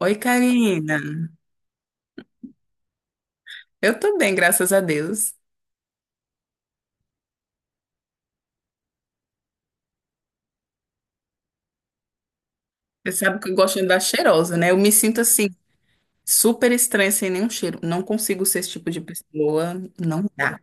Oi, Karina. Eu tô bem, graças a Deus. Você sabe que eu gosto de andar cheirosa, né? Eu me sinto assim, super estranha sem nenhum cheiro. Não consigo ser esse tipo de pessoa, não dá.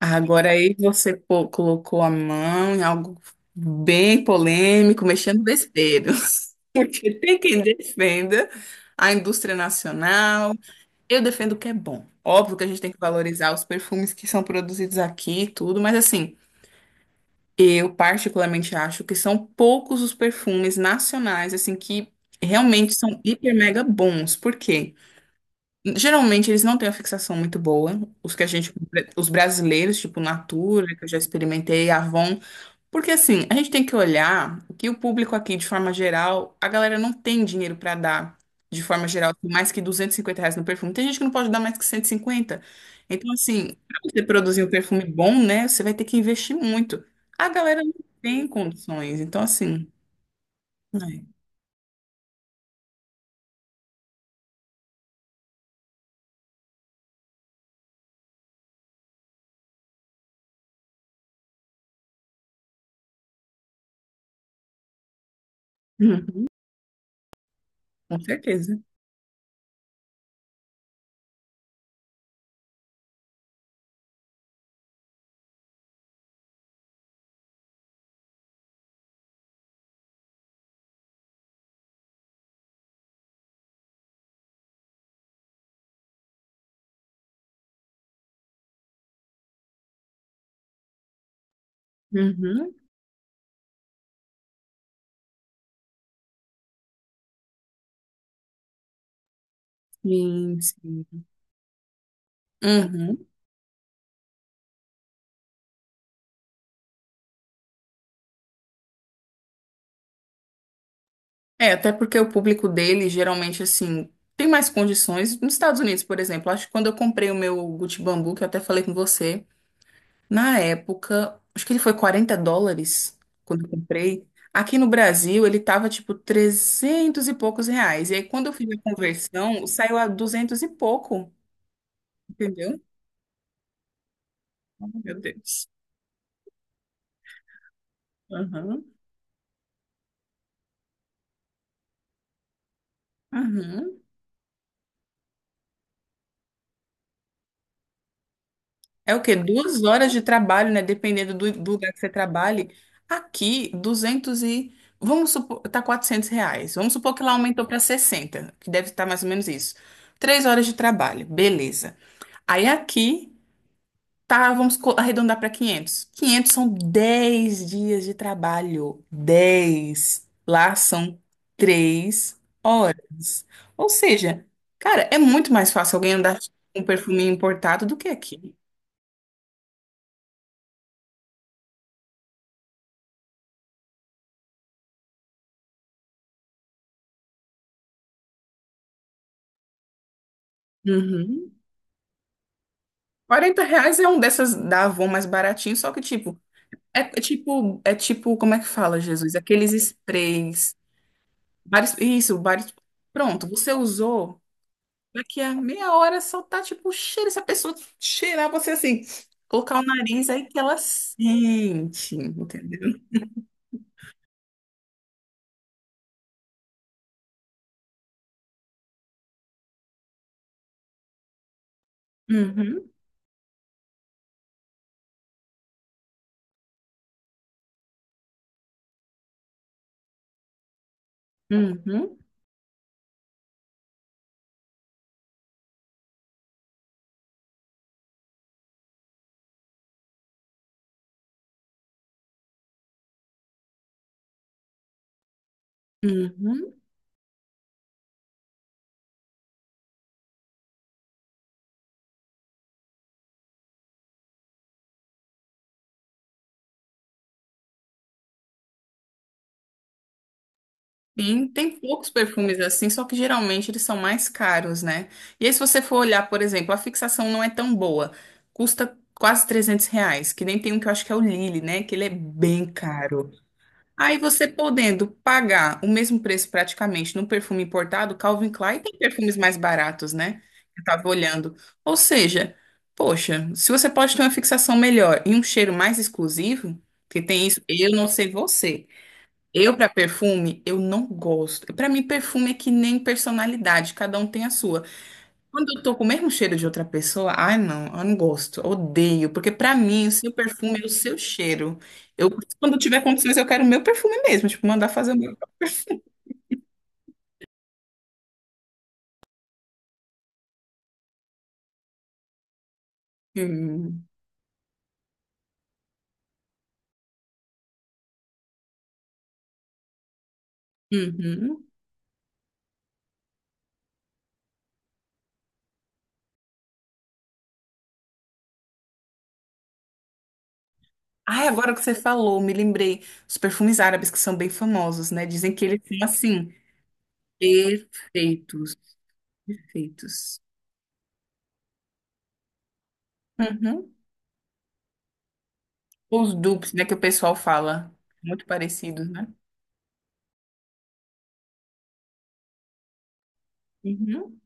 Agora aí você colocou a mão em algo bem polêmico, mexendo besteiro. Porque tem quem defenda a indústria nacional. Eu defendo o que é bom. Óbvio que a gente tem que valorizar os perfumes que são produzidos aqui e tudo, mas assim. Eu particularmente acho que são poucos os perfumes nacionais assim que realmente são hiper mega bons. Por quê? Geralmente eles não têm uma fixação muito boa. Os que a gente, os brasileiros, tipo Natura, que eu já experimentei, Avon, porque assim, a gente tem que olhar que o público aqui, de forma geral, a galera não tem dinheiro para dar, de forma geral, assim, mais que R$ 250 no perfume. Tem gente que não pode dar mais que 150. Então, assim, pra você produzir um perfume bom, né, você vai ter que investir muito. A galera não tem condições. Então, assim, né? Uhum, com certeza. Uhum, sim, sim. Uhum. É, até porque o público dele, geralmente, assim, tem mais condições. Nos Estados Unidos, por exemplo, acho que quando eu comprei o meu Gucci Bambu, que eu até falei com você. Na época, acho que ele foi US$ 40 quando eu comprei. Aqui no Brasil, ele tava tipo 300 e poucos reais. E aí, quando eu fiz a conversão, saiu a 200 e pouco, entendeu? Oh, meu Deus. Aham, aham. É o quê? 2 horas de trabalho, né? Dependendo do, do lugar que você trabalhe. Aqui, 200 e. Vamos supor, tá R$ 400. Vamos supor que lá aumentou para 60, que deve estar mais ou menos isso. 3 horas de trabalho, beleza. Aí aqui. Tá, vamos arredondar para 500. 500 são 10 dias de trabalho. Dez Lá são 3 horas. Ou seja, cara, é muito mais fácil alguém andar com um perfuminho importado do que aqui. Uhum. 40 reais é um dessas da Avon mais baratinho, só que tipo, é tipo, como é que fala, Jesus? Aqueles sprays. Vários, isso, vários. Pronto, você usou. Daqui a meia hora só tá tipo o cheiro. Se a pessoa cheirar você assim, colocar o nariz aí que ela sente, entendeu? Uhum, uhum, uhum. Sim, tem poucos perfumes assim, só que geralmente eles são mais caros, né? E aí, se você for olhar, por exemplo, a fixação não é tão boa, custa quase R$ 300, que nem tem um que eu acho que é o Lily, né? Que ele é bem caro. Aí você podendo pagar o mesmo preço praticamente num perfume importado, Calvin Klein tem perfumes mais baratos, né? Eu tava olhando. Ou seja, poxa, se você pode ter uma fixação melhor e um cheiro mais exclusivo, que tem isso, eu não sei você. Eu para perfume, eu não gosto. Para mim perfume é que nem personalidade, cada um tem a sua. Quando eu tô com o mesmo cheiro de outra pessoa, ai não, eu não gosto, odeio, porque pra mim o seu perfume é o seu cheiro. Eu, quando tiver condições, eu quero o meu perfume mesmo, tipo, mandar fazer o meu perfume. Uhum. Ai, agora que você falou, me lembrei, os perfumes árabes que são bem famosos, né? Dizem que eles são assim, perfeitos, perfeitos. Uhum. Os dupes, né, que o pessoal fala, muito parecidos, né? Uhum.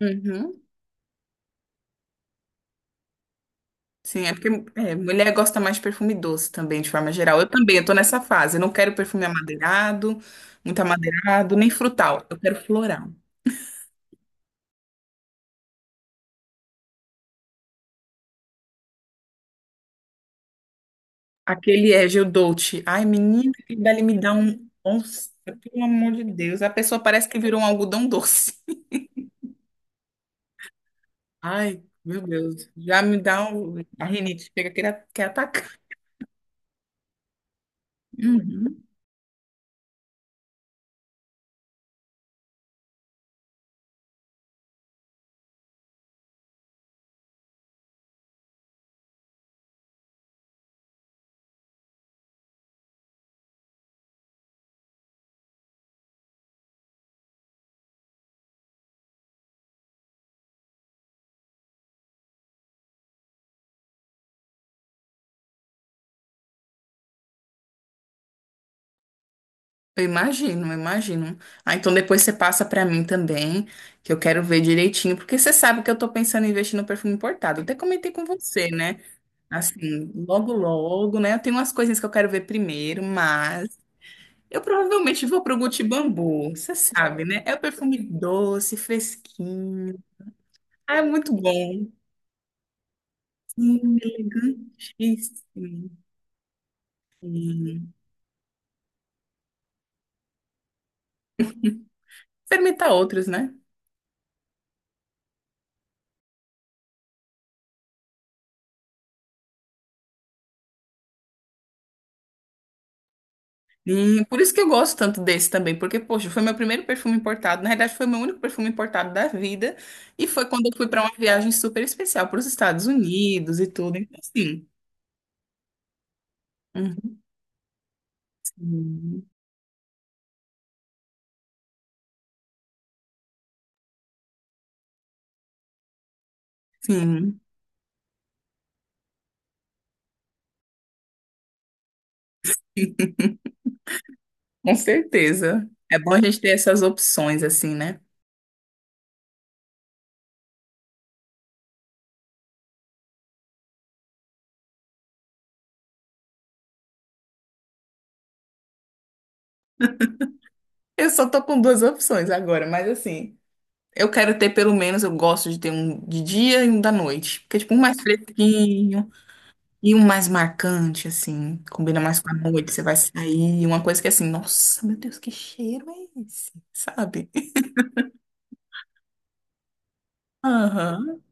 Uhum. Sim, é porque é, mulher gosta mais de perfume doce também, de forma geral. Eu também, eu tô nessa fase. Eu não quero perfume amadeirado, muito amadeirado, nem frutal. Eu quero floral. Aquele é Gel Dolce. Ai, menina, aquele dali me dá um... Nossa, pelo amor de Deus. A pessoa parece que virou um algodão doce. Ai, meu Deus. Já me dá um... A rinite chega a querer, quer atacar. Uhum. Eu imagino, eu imagino. Ah, então depois você passa pra mim também, que eu quero ver direitinho, porque você sabe que eu tô pensando em investir no perfume importado. Eu até comentei com você, né? Assim, logo logo, né? Eu tenho umas coisinhas que eu quero ver primeiro, mas eu provavelmente vou pro Gucci Bambu, você sabe, né? É o perfume doce, fresquinho. Ah, é muito bom. Sim, é elegantíssimo. Experimentar outros, né? E por isso que eu gosto tanto desse também, porque, poxa, foi meu primeiro perfume importado. Na realidade, foi meu único perfume importado da vida. E foi quando eu fui para uma viagem super especial para os Estados Unidos e tudo. Então, assim, uhum, sim, sim, com certeza. É bom a gente ter essas opções, assim, né? Eu só tô com duas opções agora, mas assim, eu quero ter pelo menos, eu gosto de ter um de dia e um da noite. Porque, tipo, um mais fresquinho. E um mais marcante, assim, combina mais com a noite, você vai sair, uma coisa que é assim, nossa, meu Deus, que cheiro é esse? Sabe? Aham.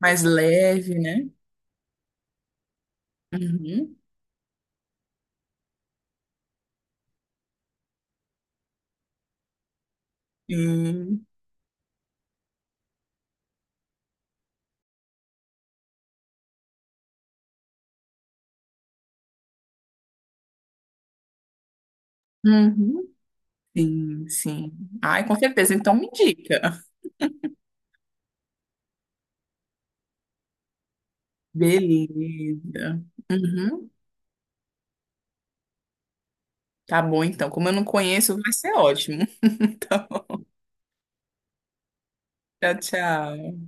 Mais leve, né? Uhum. Sim. Uhum. Sim, sim. Ai, com certeza. Então me indica. Beleza. Uhum. Tá bom, então. Como eu não conheço, vai ser ótimo. Então, tchau, tchau.